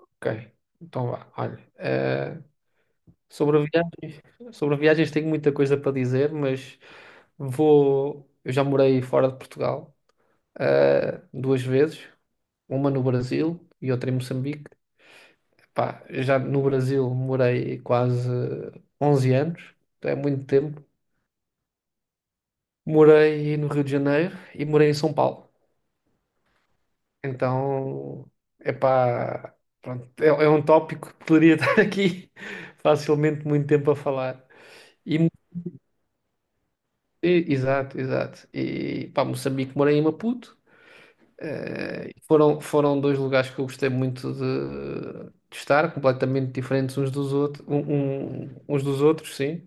Ok, então vá. Olha, sobre viagens, sobre viagens tenho muita coisa para dizer, mas vou. Eu já morei fora de Portugal, duas vezes, uma no Brasil e outra em Moçambique. Pá, já no Brasil morei quase 11 anos, então é muito tempo. Morei no Rio de Janeiro e morei em São Paulo. Então, epá, pronto, é um tópico que poderia estar aqui facilmente muito tempo a falar. e Exato, exato. E pá, Moçambique, morei em Maputo. Foram dois lugares que eu gostei muito de estar, completamente diferentes uns dos outros, uns dos outros, sim.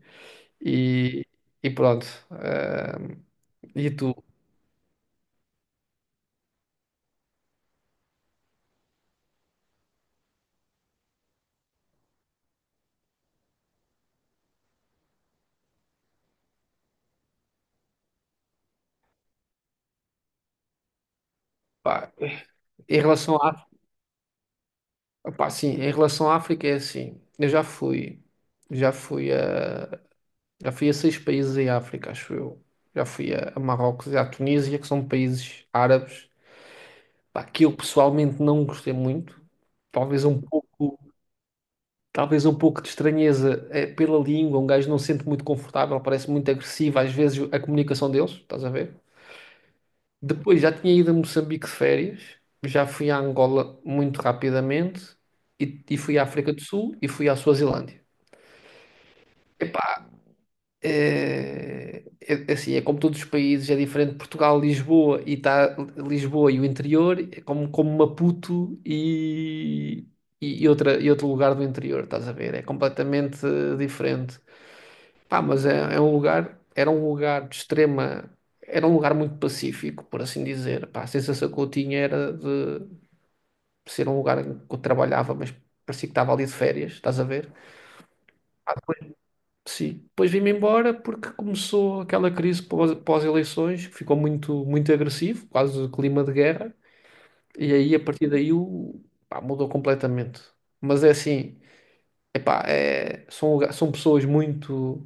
E, e pronto. Eh, e tu, pá, em relação à África. Pá, sim, em relação à África é assim. Eu já fui a, já fui a seis países em África, acho eu. Já fui a Marrocos e à Tunísia, que são países árabes. Pá, que eu pessoalmente não gostei muito. Talvez um pouco, talvez um pouco de estranheza pela língua. Um gajo não se sente muito confortável, parece muito agressivo às vezes a comunicação deles, estás a ver? Depois já tinha ido a Moçambique de férias, já fui à Angola muito rapidamente e fui à África do Sul e fui à Suazilândia. Eh, assim, é como todos os países, é diferente. Portugal, Lisboa e tá, Lisboa e o interior, é como, como Maputo e outro lugar do interior, estás a ver? É completamente diferente. Pá, mas era um lugar muito pacífico, por assim dizer. Pá, a sensação que eu tinha era de ser um lugar em que eu trabalhava, mas parecia que estava ali de férias, estás a ver? Sim. Depois vim-me embora porque começou aquela crise pós-eleições, que ficou muito, muito agressivo, quase clima de guerra. E aí a partir daí pá, mudou completamente. Mas é assim, epá, são pessoas muito,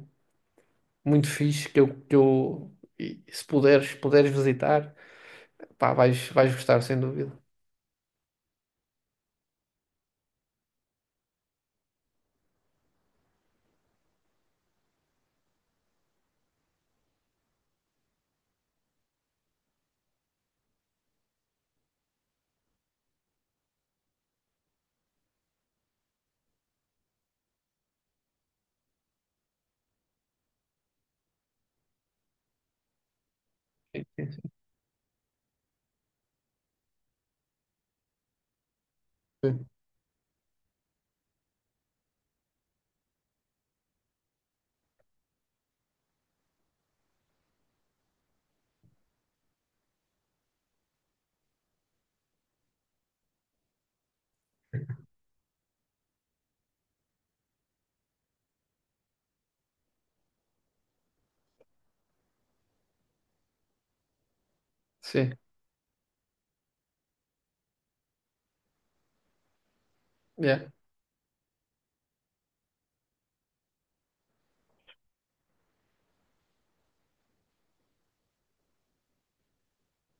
muito fixe que eu e se puderes visitar, pá, vais gostar, sem dúvida. Sim. Sim. Yeah.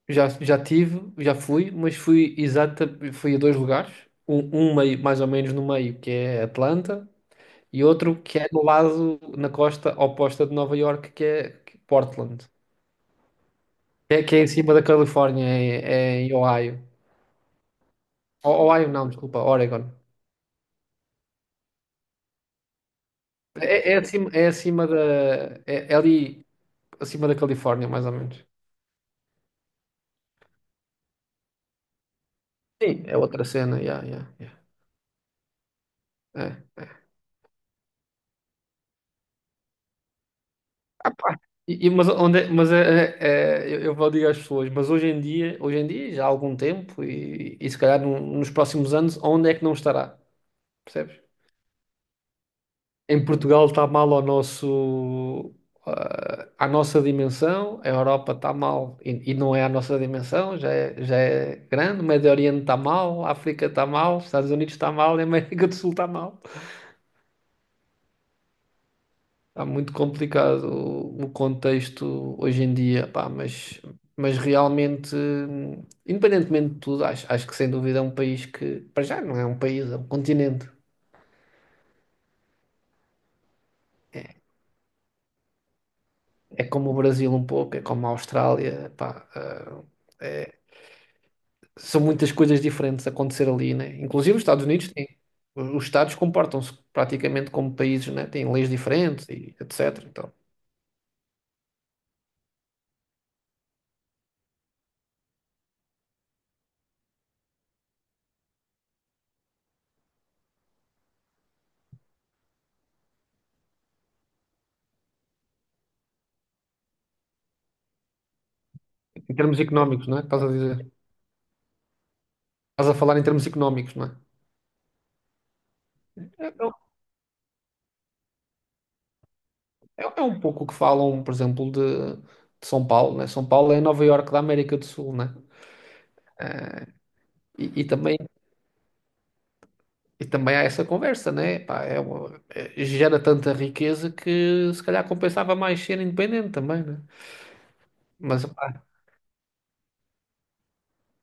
Já fui, fui a dois lugares. Um meio, mais ou menos no meio, que é Atlanta, e outro que é no lado, na costa oposta de Nova York, que é Portland, que é em cima da Califórnia, é em Ohio. Ohio não, desculpa, Oregon. É, é acima, é acima da, é ali acima da Califórnia, mais ou menos. Sim, é outra cena, yeah, yeah, yeah. É. Ah, pá. Eu vou dizer às pessoas, mas hoje em dia, já há algum tempo, e se calhar nos próximos anos, onde é que não estará? Percebes? Em Portugal está mal à nossa dimensão, a Europa está mal e não é à nossa dimensão, já é grande, o Médio Oriente está mal, a África está mal, os Estados Unidos está mal e a América do Sul está mal. Está muito complicado o contexto hoje em dia, pá, mas realmente, independentemente de tudo, acho que sem dúvida é um país que, para já, não é um país, é um continente. É como o Brasil um pouco, é como a Austrália, pá, ah, são muitas coisas diferentes a acontecer ali, né? Inclusive os Estados comportam-se praticamente como países, né? Têm leis diferentes e etc. Então, em termos económicos, né? Estás a falar em termos económicos, né? É, é, é um pouco o que falam, por exemplo, de São Paulo, né? São Paulo é a Nova Iorque da América do Sul, né? E, e também, e também há essa conversa, né? Pá, gera tanta riqueza que se calhar compensava mais ser independente também, né? Mas, pá,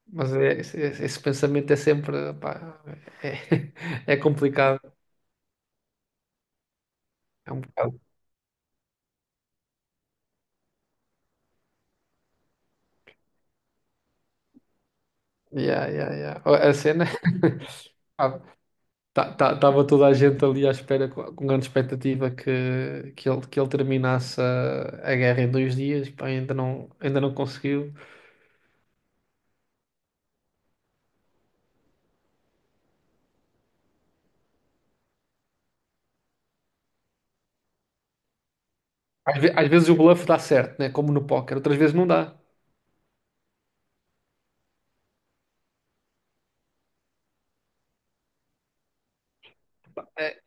mas esse pensamento é sempre, pá, é, é complicado. É um bocado. Yeah, yeah, yeah. Ó, a cena, estava toda a gente ali à espera com grande expectativa que ele terminasse a guerra em 2 dias, pá, ainda não conseguiu. Às vezes o bluff dá certo, né? Como no póquer, outras vezes não dá. É,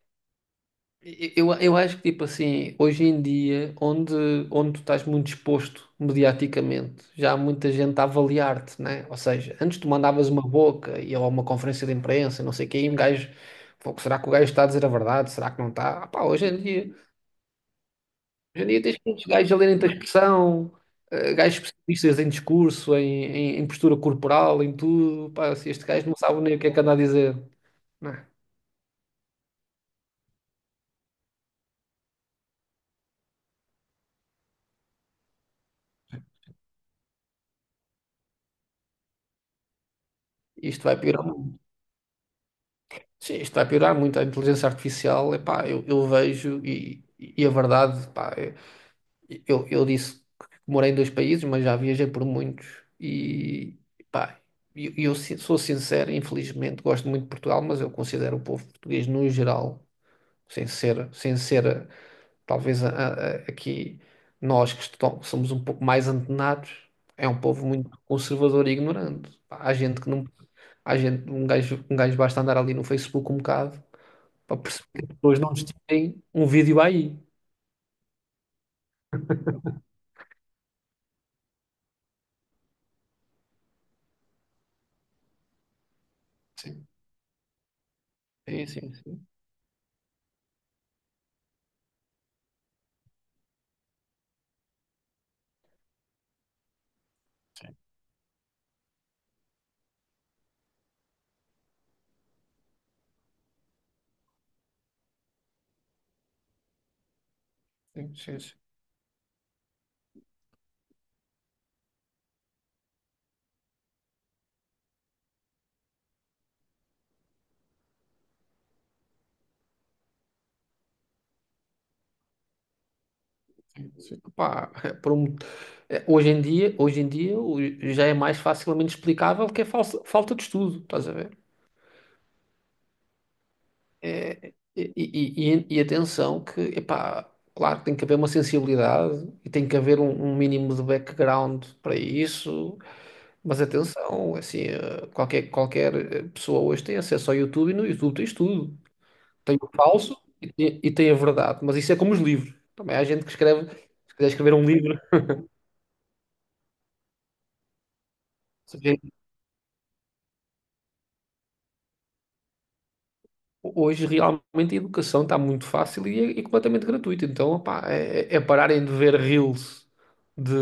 eu acho que, tipo assim, hoje em dia, onde tu estás muito exposto mediaticamente, já há muita gente a avaliar-te, né? Ou seja, antes tu mandavas uma boca e ou uma conferência de imprensa, não sei o quê, e um gajo, "Pô, será que o gajo está a dizer a verdade? Será que não está?" Ah, pá, hoje em dia tens muitos gajos a lerem-te a expressão, gajos especialistas em discurso, em postura corporal, em tudo. Pá, se este gajo não sabe nem o que é que anda a dizer, né? Isto vai piorar. Sim, isto vai piorar muito. A inteligência artificial, epá, eu vejo e a verdade, epá, eu disse que morei em dois países, mas já viajei por muitos e epá, e eu sou sincero, infelizmente gosto muito de Portugal, mas eu considero o povo português no geral, sem ser talvez aqui nós somos um pouco mais antenados, é um povo muito conservador e ignorante. Pá, há gente que não, há gente, um gajo basta andar ali no Facebook um bocado para perceber que as pessoas não nos um vídeo aí. Sim, sim, sim, sim, sim, sim, sim, sim, sim. Pá, hoje em dia já é mais facilmente explicável que é falta de estudo, estás a ver? E atenção que, epá, claro que tem que haver uma sensibilidade e tem que haver um mínimo de background para isso, mas atenção, assim, qualquer pessoa hoje tem acesso ao YouTube e no YouTube tens tudo. Tem o falso e tem a verdade. Mas isso é como os livros. Também há gente que escreve, se quiser escrever um livro. Se vê- Hoje realmente a educação está muito fácil e é completamente gratuita. Então, opá, é pararem de ver reels de,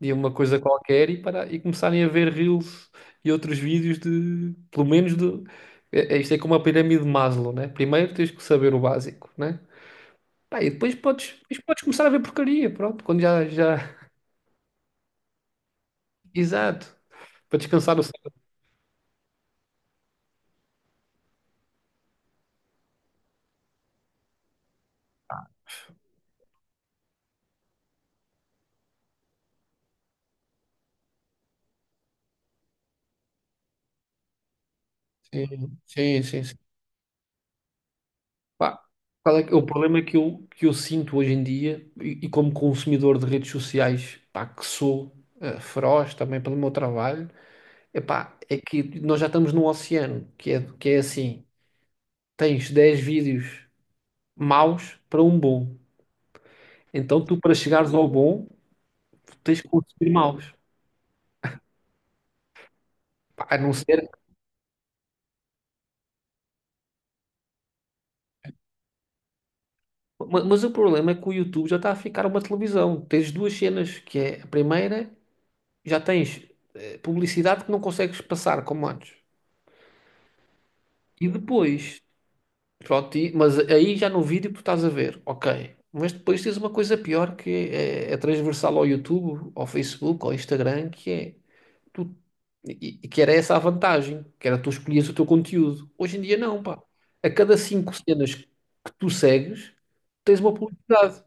de uma coisa qualquer e começarem a ver reels e outros vídeos pelo menos de. Isto é como a pirâmide de Maslow, né? Primeiro tens que saber o básico, né? Pá, e depois podes começar a ver porcaria, pronto, quando já. Exato. Para descansar o. Sim, sim, sim, sim. Pá, o problema é que eu sinto hoje em dia, e como consumidor de redes sociais, pá, que sou feroz também pelo meu trabalho, é pá, é que nós já estamos num oceano, que é assim, tens 10 vídeos maus para um bom. Então tu, para chegares ao bom, tu tens que consumir maus. Pá, a não ser. Mas, o problema é que o YouTube já está a ficar uma televisão. Tens duas cenas, que é a primeira já tens publicidade que não consegues passar como antes. E depois, pronto, mas aí já no vídeo tu estás a ver, ok. Mas depois tens uma coisa pior que é transversal ao YouTube, ao Facebook, ao Instagram, que é tu, e que era essa a vantagem, que era tu escolhias o teu conteúdo. Hoje em dia não, pá. A cada cinco cenas que tu segues, tens uma publicidade.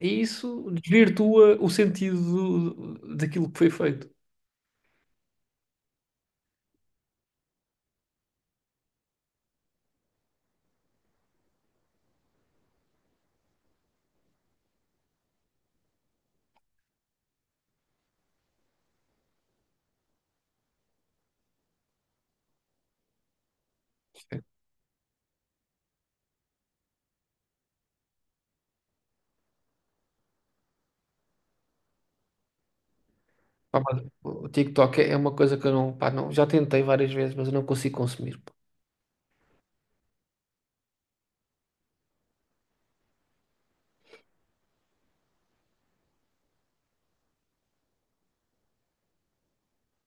E isso desvirtua o sentido daquilo que foi feito. Pá, mas o TikTok é uma coisa que eu não, pá, não, já tentei várias vezes, mas eu não consigo consumir.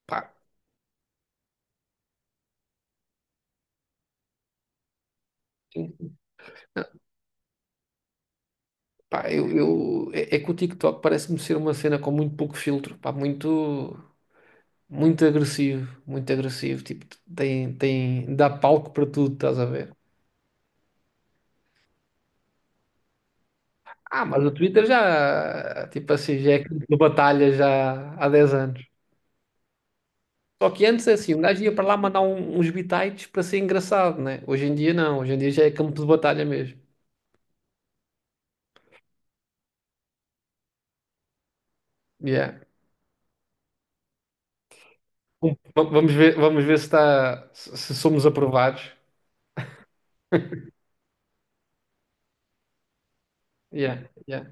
Pá, sim. Pá, é que o TikTok parece-me ser uma cena com muito pouco filtro, pá, muito, muito agressivo, tipo, dá palco para tudo, estás a ver? Ah, mas o Twitter já, tipo assim, já é campo de batalha já há 10 anos. Só que antes, assim, um gajo ia para lá mandar uns bitites para ser engraçado, né? Hoje em dia não, hoje em dia já é campo de batalha mesmo. Yeah. Vamos ver se, está, se se somos aprovados. Yeah, yeah.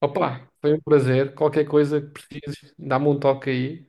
Opa, foi um prazer. Qualquer coisa que precises, dá-me um toque aí